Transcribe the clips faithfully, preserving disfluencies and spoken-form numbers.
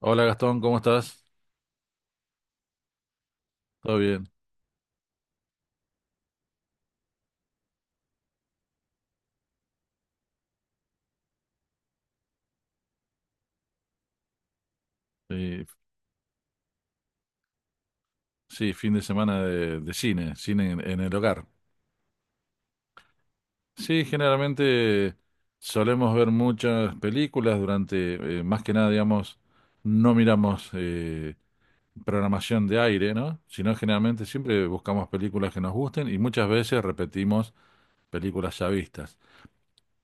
Hola Gastón, ¿cómo estás? ¿Todo bien? Eh, sí, fin de semana de, de cine, cine en, en el hogar. Sí, generalmente solemos ver muchas películas durante, eh, más que nada, digamos, no miramos eh, programación de aire, ¿no? Sino generalmente siempre buscamos películas que nos gusten y muchas veces repetimos películas ya vistas.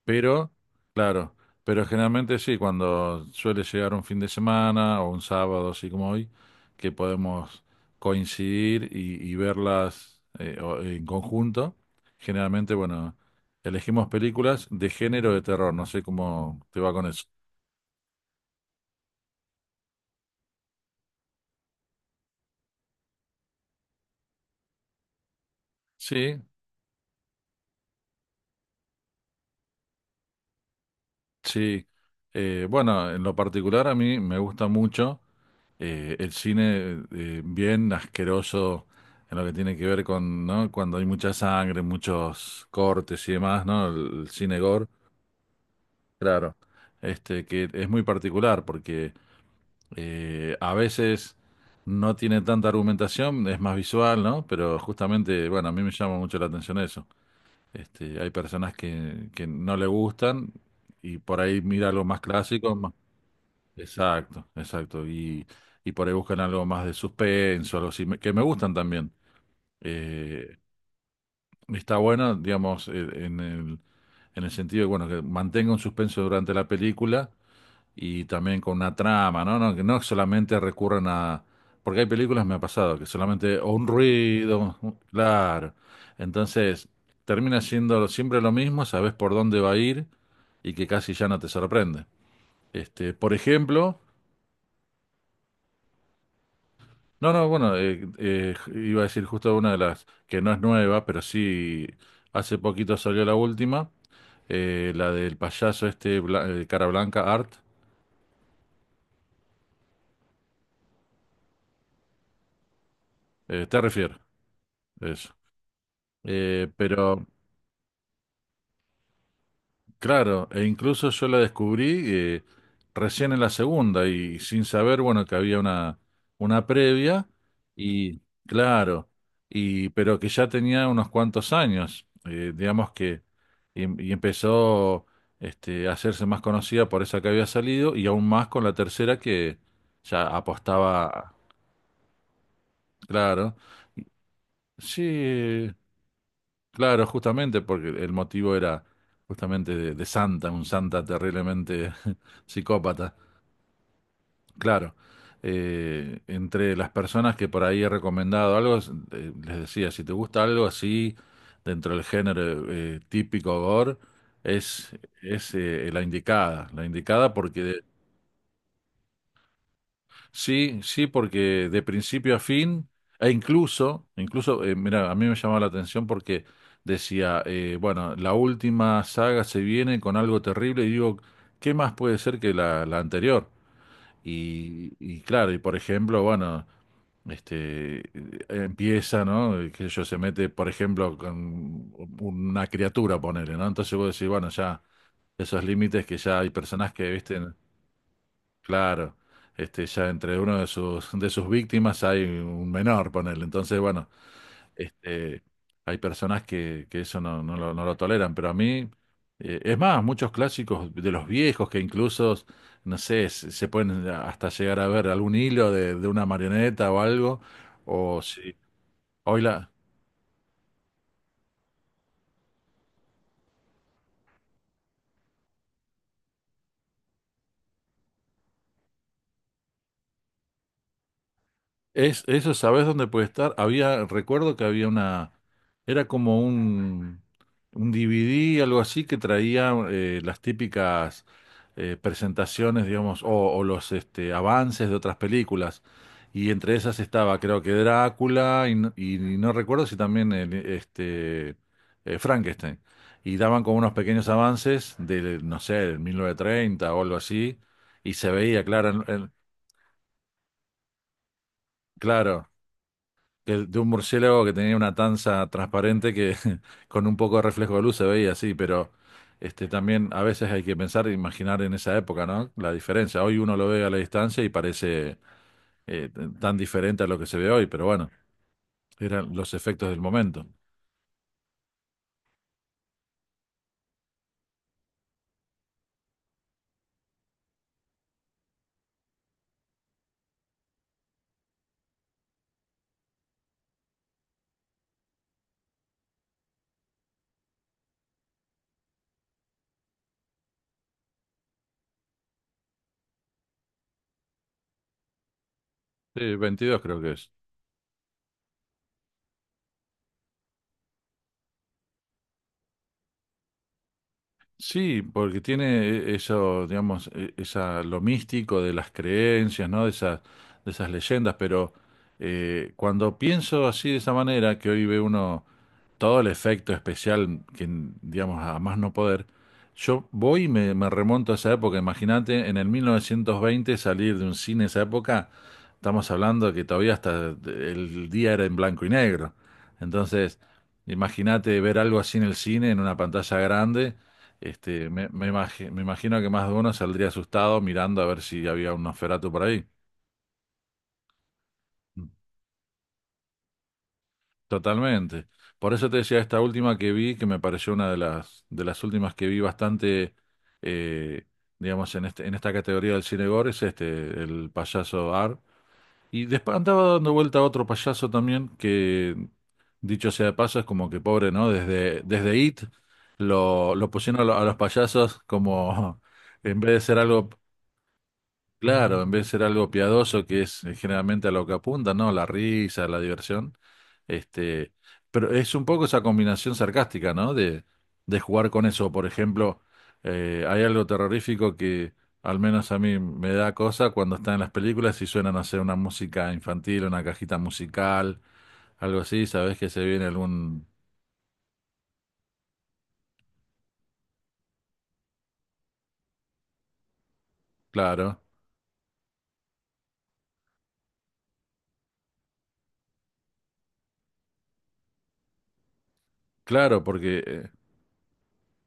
Pero, claro, pero generalmente sí, cuando suele llegar un fin de semana o un sábado, así como hoy, que podemos coincidir y, y verlas eh, o- en conjunto, generalmente, bueno, elegimos películas de género de terror, no sé cómo te va con eso. Sí, sí. Eh, bueno, en lo particular a mí me gusta mucho. eh, el cine eh, bien asqueroso en lo que tiene que ver con, ¿no? Cuando hay mucha sangre, muchos cortes y demás, ¿no? El, el cine gore, claro, este que es muy particular porque eh, a veces no tiene tanta argumentación, es más visual, ¿no? Pero justamente, bueno, a mí me llama mucho la atención eso. Este, hay personas que, que no le gustan y por ahí mira algo más clásico, más. Exacto, exacto. Y, y por ahí buscan algo más de suspenso, algo así, me- que me gustan también. Eh, está bueno, digamos, eh, en el, en el sentido de, bueno, que mantenga un suspenso durante la película y también con una trama, ¿no? No, que no solamente recurran a... Porque hay películas, me ha pasado, que solamente o un ruido, un- claro. Entonces, termina siendo siempre lo mismo, sabes por dónde va a ir y que casi ya no te sorprende. Este, por ejemplo... No, no, bueno, eh, eh, iba a decir justo una de las que no es nueva, pero sí hace poquito salió la última, eh, la del payaso este bla- eh, cara blanca, Art, eh, Terrifier, eso. Eh, pero. Claro, e incluso yo la descubrí eh, recién en la segunda y sin saber, bueno, que había una, una previa y claro, y pero que ya tenía unos cuantos años, eh, digamos que y, y empezó este, a hacerse más conocida por esa que había salido y aún más con la tercera que ya apostaba, claro. Sí, claro, justamente porque el motivo era justamente de, de Santa, un Santa terriblemente psicópata. Claro, eh, entre las personas que por ahí he recomendado algo, es- eh, les decía, si te gusta algo así, dentro del género eh, típico gore, es, es eh, la indicada, la indicada porque de, sí, sí, porque de principio a fin, e incluso, incluso, eh, mira, a mí me llamaba la atención porque decía, eh, bueno, la última saga se viene con algo terrible y digo, ¿qué más puede ser que la, la anterior? Y, y claro, y por ejemplo, bueno, este, eh, empieza, ¿no? Eh, qué sé yo, se mete, por ejemplo, con una criatura, ponele, ¿no? Entonces vos decís, bueno, ya esos límites que ya hay personas que, viste, claro, este, ya entre uno de sus, de sus, víctimas hay un menor, ponele. Entonces, bueno, este, hay personas que, que eso no, no lo, no lo toleran, pero a mí, eh, es más, muchos clásicos de los viejos que incluso, no sé, se, se pueden hasta llegar a ver algún hilo de, de una marioneta o algo, o si hoy la... Es, eso, ¿sabes dónde puede estar? Había, recuerdo que había una, era como un, un D V D, algo así, que traía eh, las típicas eh, presentaciones, digamos, o, o los este, avances de otras películas. Y entre esas estaba, creo que Drácula, y, no y no recuerdo si también el, este, eh, Frankenstein. Y daban como unos pequeños avances de, no sé, del mil novecientos treinta o algo así, y se veía, claro, en- en- claro. Que- de un murciélago que tenía una tanza transparente que con un poco de reflejo de luz se veía así, pero este también a veces hay que pensar e imaginar en esa época, ¿no? La diferencia. Hoy uno lo ve a la distancia y parece eh, t- tan diferente a lo que se ve hoy, pero bueno, eran los efectos del momento. Sí, veintidós creo que es. Sí, porque tiene eso, digamos, e- esa, lo místico de las creencias, ¿no? De esas, de esas leyendas, pero eh, cuando pienso así de esa manera, que hoy ve uno todo el efecto especial, que, digamos, a más no poder, yo voy y me, me remonto a esa época. Imagínate, en el mil novecientos veinte salir de un cine esa época, estamos hablando que todavía hasta el día era en blanco y negro. Entonces, imagínate ver algo así en el cine, en una pantalla grande. Este, me, me imagi- me imagino que más de uno saldría asustado mirando a ver si había un Nosferatu por ahí. Mm. Totalmente. Por eso te decía esta última que vi, que me pareció una de las, de las, últimas que vi bastante, eh, digamos, en este, en esta categoría del cine gore, es este, el payaso Ar. Y después andaba dando vuelta a otro payaso también, que dicho sea de paso, es como que pobre, ¿no? Desde, desde It lo, lo pusieron a, lo- a los payasos como, en vez de ser algo. Claro, en vez de ser algo piadoso, que es eh, generalmente a lo que apunta, ¿no? La risa, la diversión. Este, pero es un poco esa combinación sarcástica, ¿no? De, de jugar con eso. Por ejemplo, eh, hay algo terrorífico que al menos a mí me da cosa cuando están en las películas y suenan a hacer una música infantil, una cajita musical, algo así, sabes que se viene algún... Claro, claro, porque eh,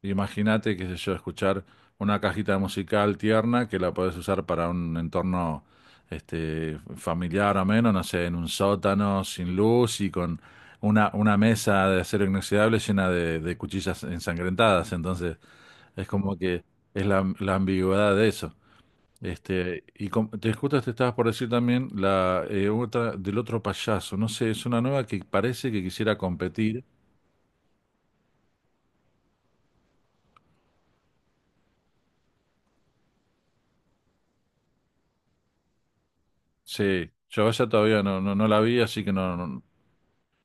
imagínate, qué sé yo, escuchar una cajita musical tierna que la podés usar para un entorno este, familiar o menos, no sé, en un sótano sin luz y con una, una, mesa de acero inoxidable llena de, de cuchillas ensangrentadas. Entonces, es como que es la, la ambigüedad de eso. Este, y com- te justo te estabas por decir también la eh, otra del otro payaso. No sé, es una nueva que parece que quisiera competir. Sí, yo esa todavía no, no, no la vi, así que no, no-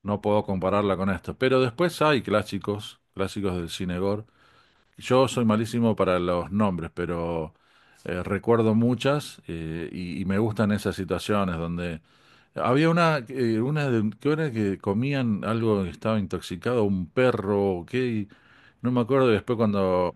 no puedo compararla con esto. Pero después hay clásicos, clásicos del cine gore. Yo soy malísimo para los nombres, pero eh, recuerdo muchas eh, y, y me gustan esas situaciones donde había una, eh, una de, que era que comían algo que estaba intoxicado, un perro, o qué, y no me acuerdo. Y después cuando,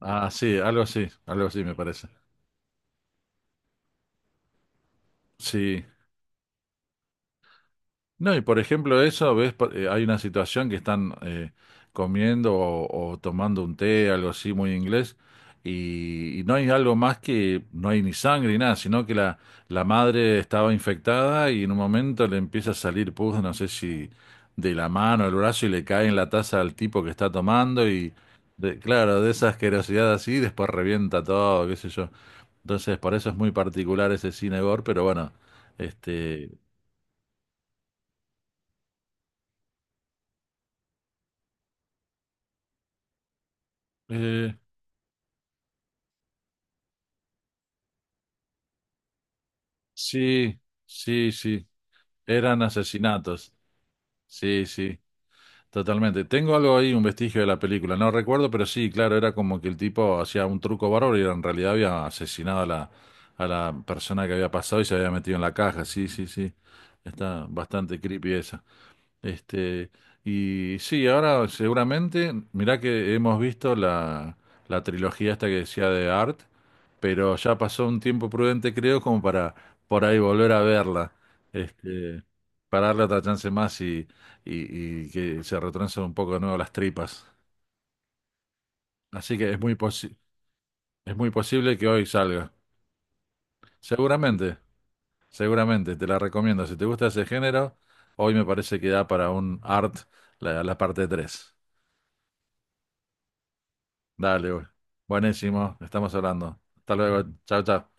ah, sí, algo así, algo así me parece. Sí, no, y por ejemplo eso, ves, por- eh, hay una situación que están eh, comiendo o, o tomando un té, algo así muy inglés, y, y no hay algo más que, no hay ni sangre ni nada, sino que la, la, madre estaba infectada y en un momento le empieza a salir pus, no sé si de la mano o el brazo, y le cae en la taza al tipo que está tomando, y de- claro, de esa asquerosidad así, después revienta todo, qué sé yo. Entonces, por eso es muy particular ese cine gore, pero bueno, este... eh, Sí, sí, sí. Eran asesinatos. Sí, sí, totalmente. Tengo algo ahí, un vestigio de la película. No recuerdo, pero sí, claro, era como que el tipo hacía un truco bárbaro y en realidad había asesinado a la, a la, persona que había pasado y se había metido en la caja. Sí, sí, sí. Está bastante creepy esa. Este, y sí, ahora seguramente, mirá que hemos visto la, la trilogía esta que decía de Art, pero ya pasó un tiempo prudente, creo, como para por ahí volver a verla, este, para darle otra chance más y, y, y que se retrancen un poco de nuevo las tripas. Así que es muy posi- es muy posible que hoy salga. Seguramente, seguramente, te la recomiendo. Si te gusta ese género, hoy me parece que da para un Art la, la parte tres. Dale, güey. Buenísimo, estamos hablando. Hasta luego, chao, chao.